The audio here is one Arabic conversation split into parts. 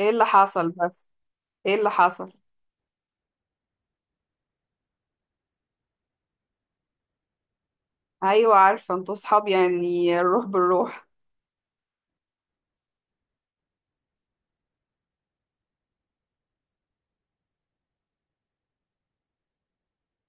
ايه اللي حصل بس؟ ايه اللي حصل؟ ايوه، عارفه انتوا صحاب، يعني الروح بالروح.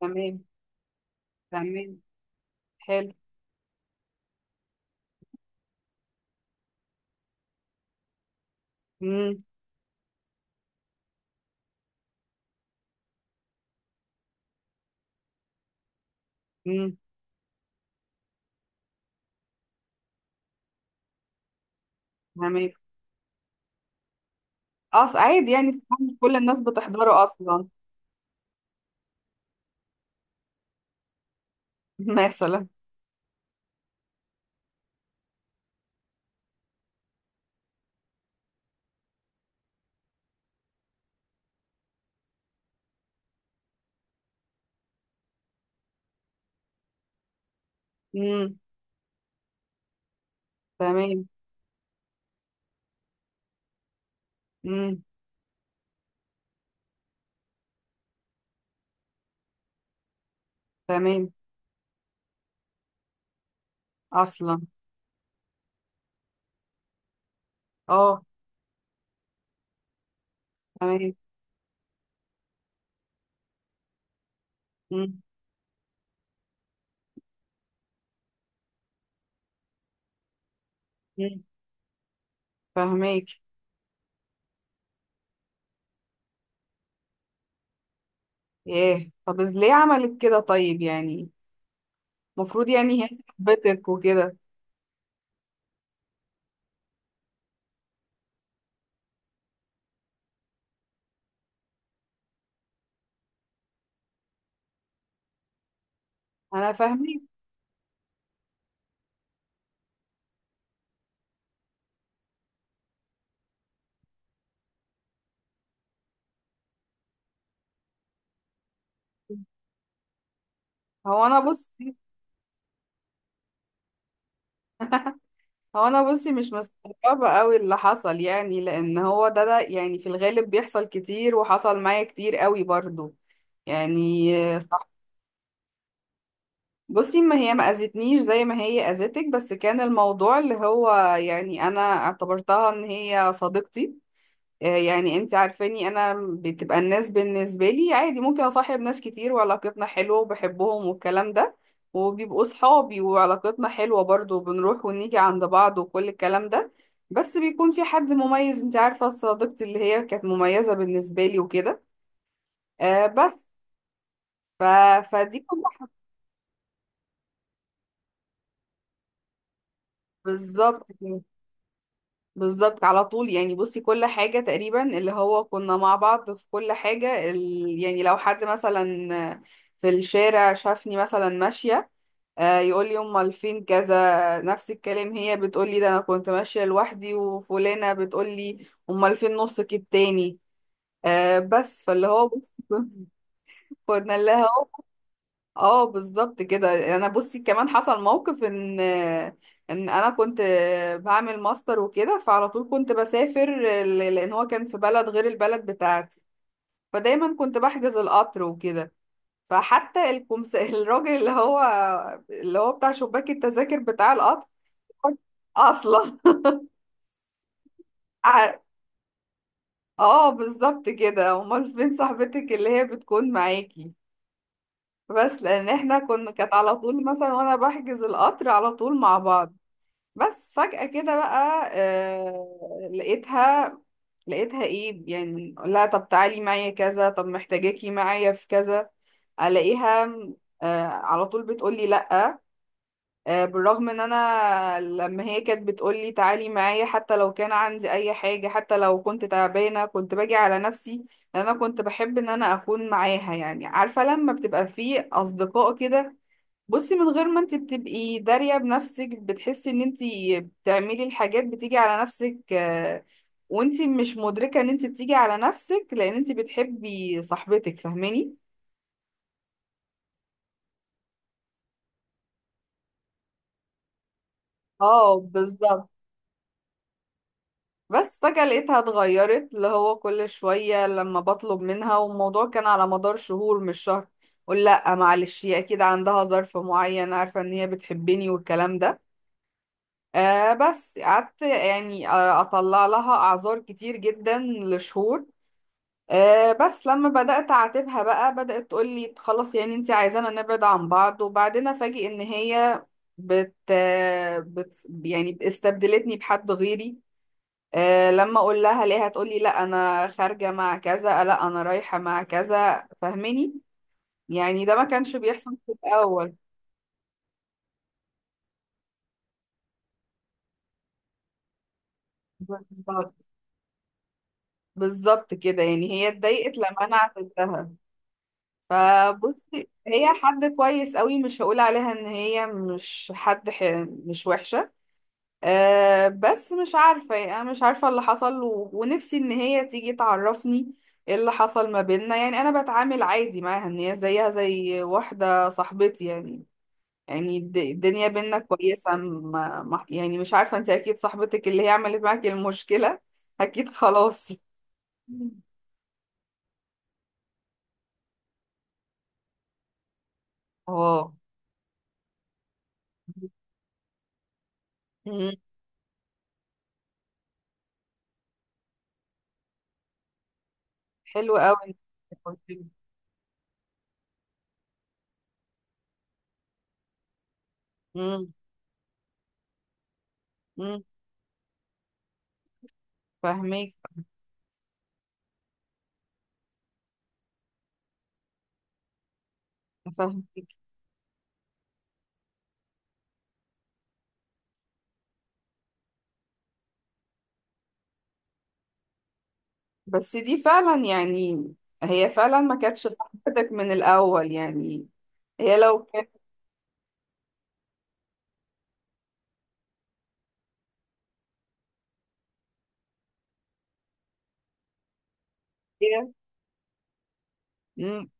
تمام. تمام. حلو. امم. امم. تمام. اصل عادي، يعني صحاب مش كل الناس بتحضره اصلا. مثلا. امم. تمام. امم. تمام. اصلا. اه. تمام. امم. امم. فهميك. ايه، طب ليه عملت كده طيب؟ يعني المفروض يعني هي صاحبتك وكده. انا فاهمك. هو انا بص هو انا بصي مش مستغربه قوي اللي حصل، يعني لان هو ده يعني في الغالب بيحصل كتير وحصل معايا كتير قوي برضو. يعني. صح. بصي، ما هي ما اذتنيش زي ما هي اذتك، بس كان الموضوع اللي هو يعني انا اعتبرتها ان هي صديقتي. آه، يعني انت عارفاني انا، بتبقى الناس بالنسبه لي عادي، ممكن اصاحب ناس كتير وعلاقتنا حلوه وبحبهم والكلام ده، وبيبقوا صحابي وعلاقتنا حلوه برضو، وبنروح ونيجي عند بعض وكل الكلام ده، بس بيكون في حد مميز. انت عارفه، صديقتي اللي هي كانت مميزه بالنسبه لي وكده. آه بس. ف... فدي كلها. بالظبط. بالظبط، على طول يعني. بصي، كل حاجة تقريبا اللي هو كنا مع بعض في كل حاجة، يعني لو حد مثلا في الشارع شافني مثلا ماشية، آه، يقول لي امال فين كذا. نفس الكلام، هي بتقول لي ده انا كنت ماشية لوحدي، وفلانة بتقول لي امال فين نصك التاني. آه، بس فاللي هو بص كنا لها. اه بالظبط كده. انا بصي كمان حصل موقف، ان انا كنت بعمل ماستر وكده، فعلى طول كنت بسافر، لان هو كان في بلد غير البلد بتاعتي، فدايما كنت بحجز القطر وكده. فحتى الراجل اللي هو، اللي هو بتاع شباك التذاكر بتاع القطر. اصلا. ع- اه بالظبط كده، امال فين صاحبتك اللي هي بتكون معاكي. بس لان احنا كنا كانت على طول مثلا، وانا بحجز القطر على طول مع بعض. بس فجأة كده بقى، آه، لقيتها. لقيتها ايه يعني؟ لا، طب تعالي معايا كذا، طب محتاجاكي معايا في كذا، الاقيها آه على طول بتقولي لا. آه، بالرغم ان انا لما هي كانت بتقولي تعالي معايا، حتى لو كان عندي اي حاجة، حتى لو كنت تعبانة، كنت باجي على نفسي، لان انا كنت بحب ان انا اكون معاها. يعني عارفة لما بتبقى في اصدقاء كده، بصي، من غير ما انت بتبقي دارية بنفسك، بتحسي ان انت تعملي الحاجات بتيجي على نفسك، آه، وانتي مش مدركة ان انتي بتيجي على نفسك لان انتي بتحبي صاحبتك. فاهماني؟ اه بالظبط. بس فجأة لقيتها اتغيرت، اللي هو كل شوية لما بطلب منها، والموضوع كان على مدار شهور، مش شهر، قول لا معلش. هي اكيد عندها ظرف معين، عارفة ان هي بتحبني والكلام ده. آه، بس قعدت يعني، آه، اطلع لها اعذار كتير جدا لشهور. أه، بس لما بدأت أعاتبها بقى، بدأت تقول لي خلاص، يعني انت عايزانا نبعد عن بعض. وبعدين أفاجئ إن هي بت, بت يعني استبدلتني بحد غيري. أه، لما أقول لها ليه، هتقول لي لا أنا خارجة مع كذا، لا أنا رايحة مع كذا. فاهماني؟ يعني ده ما كانش بيحصل في الأول. بالظبط. بالظبط كده، يعني هي اتضايقت لما أنا عاتبتها. فبصي، هي حد كويس قوي، مش هقول عليها إن هي مش حد مش وحشة. أه بس، مش عارفة يعني، أنا مش عارفة اللي حصل، ونفسي إن هي تيجي تعرفني إيه اللي حصل ما بيننا. يعني أنا بتعامل عادي معاها، إن هي زيها زي واحدة صاحبتي يعني، يعني الدنيا بينا كويسة، ما... ما... يعني مش عارفة. أنت أكيد صاحبتك اللي هي عملت معاك المشكلة أكيد. خلاص. اه. مم. حلو أوي إنك قلتيلي. مم. مم. فاهمك. فاهمك. بس دي فعلا يعني هي فعلا ما كانتش صاحبتك من الأول يعني. هي لو كانت، هي. مم.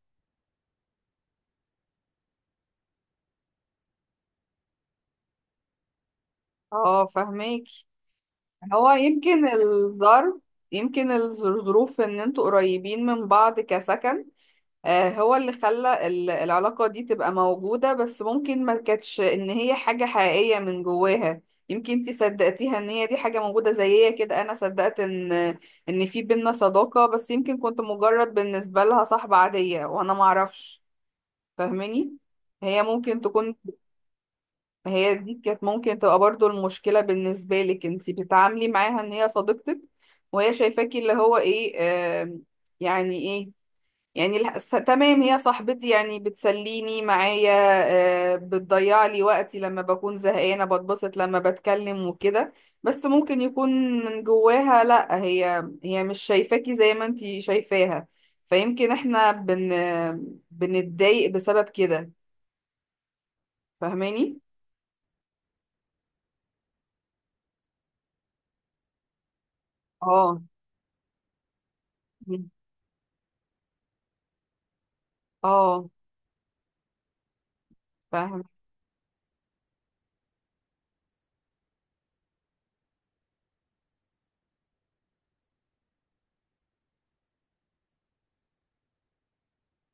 اه فهماك. هو يمكن الظرف، يمكن الظروف ان انتوا قريبين من بعض كسكن، آه، هو اللي خلى العلاقة دي تبقى موجودة، بس ممكن ما كانتش ان هي حاجة حقيقية من جواها. يمكن انتي صدقتيها ان هي دي حاجة موجودة زيها كده، انا صدقت ان ان في بينا صداقة، بس يمكن كنت مجرد بالنسبة لها صاحبة عادية وانا معرفش. فاهماني؟ هي ممكن تكون، هي دي كانت ممكن تبقى برضو المشكلة بالنسبة لك، انتي بتتعاملي معاها ان هي صديقتك، وهي شايفاكي اللي هو ايه، آم، يعني ايه، يعني تمام، هي صاحبتي يعني بتسليني معايا، آه، بتضيع لي وقتي لما بكون زهقانة، بتبسط لما بتكلم وكده، بس ممكن يكون من جواها لا، هي هي مش شايفاكي زي ما انتي شايفاها. فيمكن احنا بنتضايق بسبب كده. فاهماني؟ اه. اه. فاهم.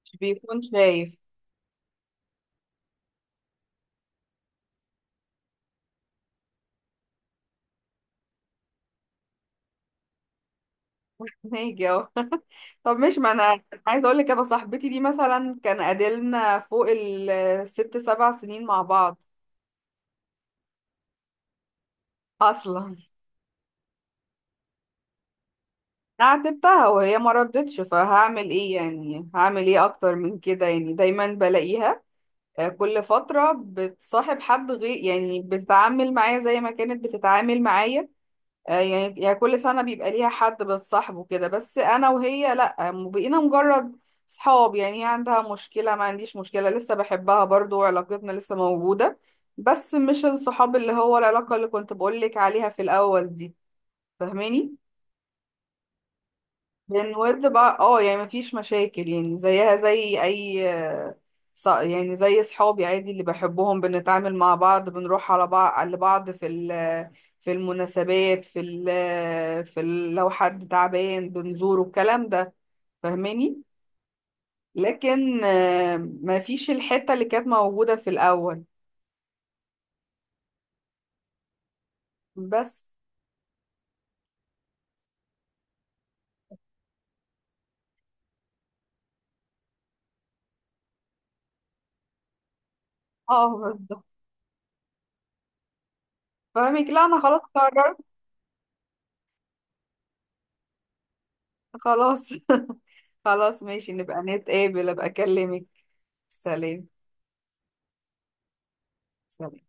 مش بيكون شايف. ماشي. طب مش ما انا عايزه اقول لك، انا صاحبتي دي مثلا كان قادلنا فوق ال6 7 سنين مع بعض. اصلا. انا عاتبتها وهي ما ردتش، فهعمل ايه يعني، هعمل ايه اكتر من كده يعني. دايما بلاقيها، آه، كل فتره بتصاحب حد غير، يعني بتتعامل معايا زي ما كانت بتتعامل معايا. آه، يعني كل سنة بيبقى ليها حد بتصاحبه كده، بس أنا وهي لأ، بقينا مجرد صحاب. يعني هي عندها مشكلة، ما عنديش مشكلة، لسه بحبها برضو وعلاقتنا لسه موجودة، بس مش الصحاب اللي هو العلاقة اللي كنت بقولك عليها في الأول دي. فاهماني؟ بنود بقى، اه، يعني مفيش مشاكل يعني، زيها زي اي يعني زي صحابي عادي اللي بحبهم، بنتعامل مع بعض، بنروح على بعض لبعض في في المناسبات، لو حد تعبان بنزوره، الكلام ده. فاهماني؟ لكن آه، مفيش الحتة اللي كانت موجودة في الأول. بس. اه بالظبط. فاهمك. لا انا خلاص قررت. خلاص. خلاص ماشي، نبقى نتقابل، ابقى اكلمك. سلام. سلام.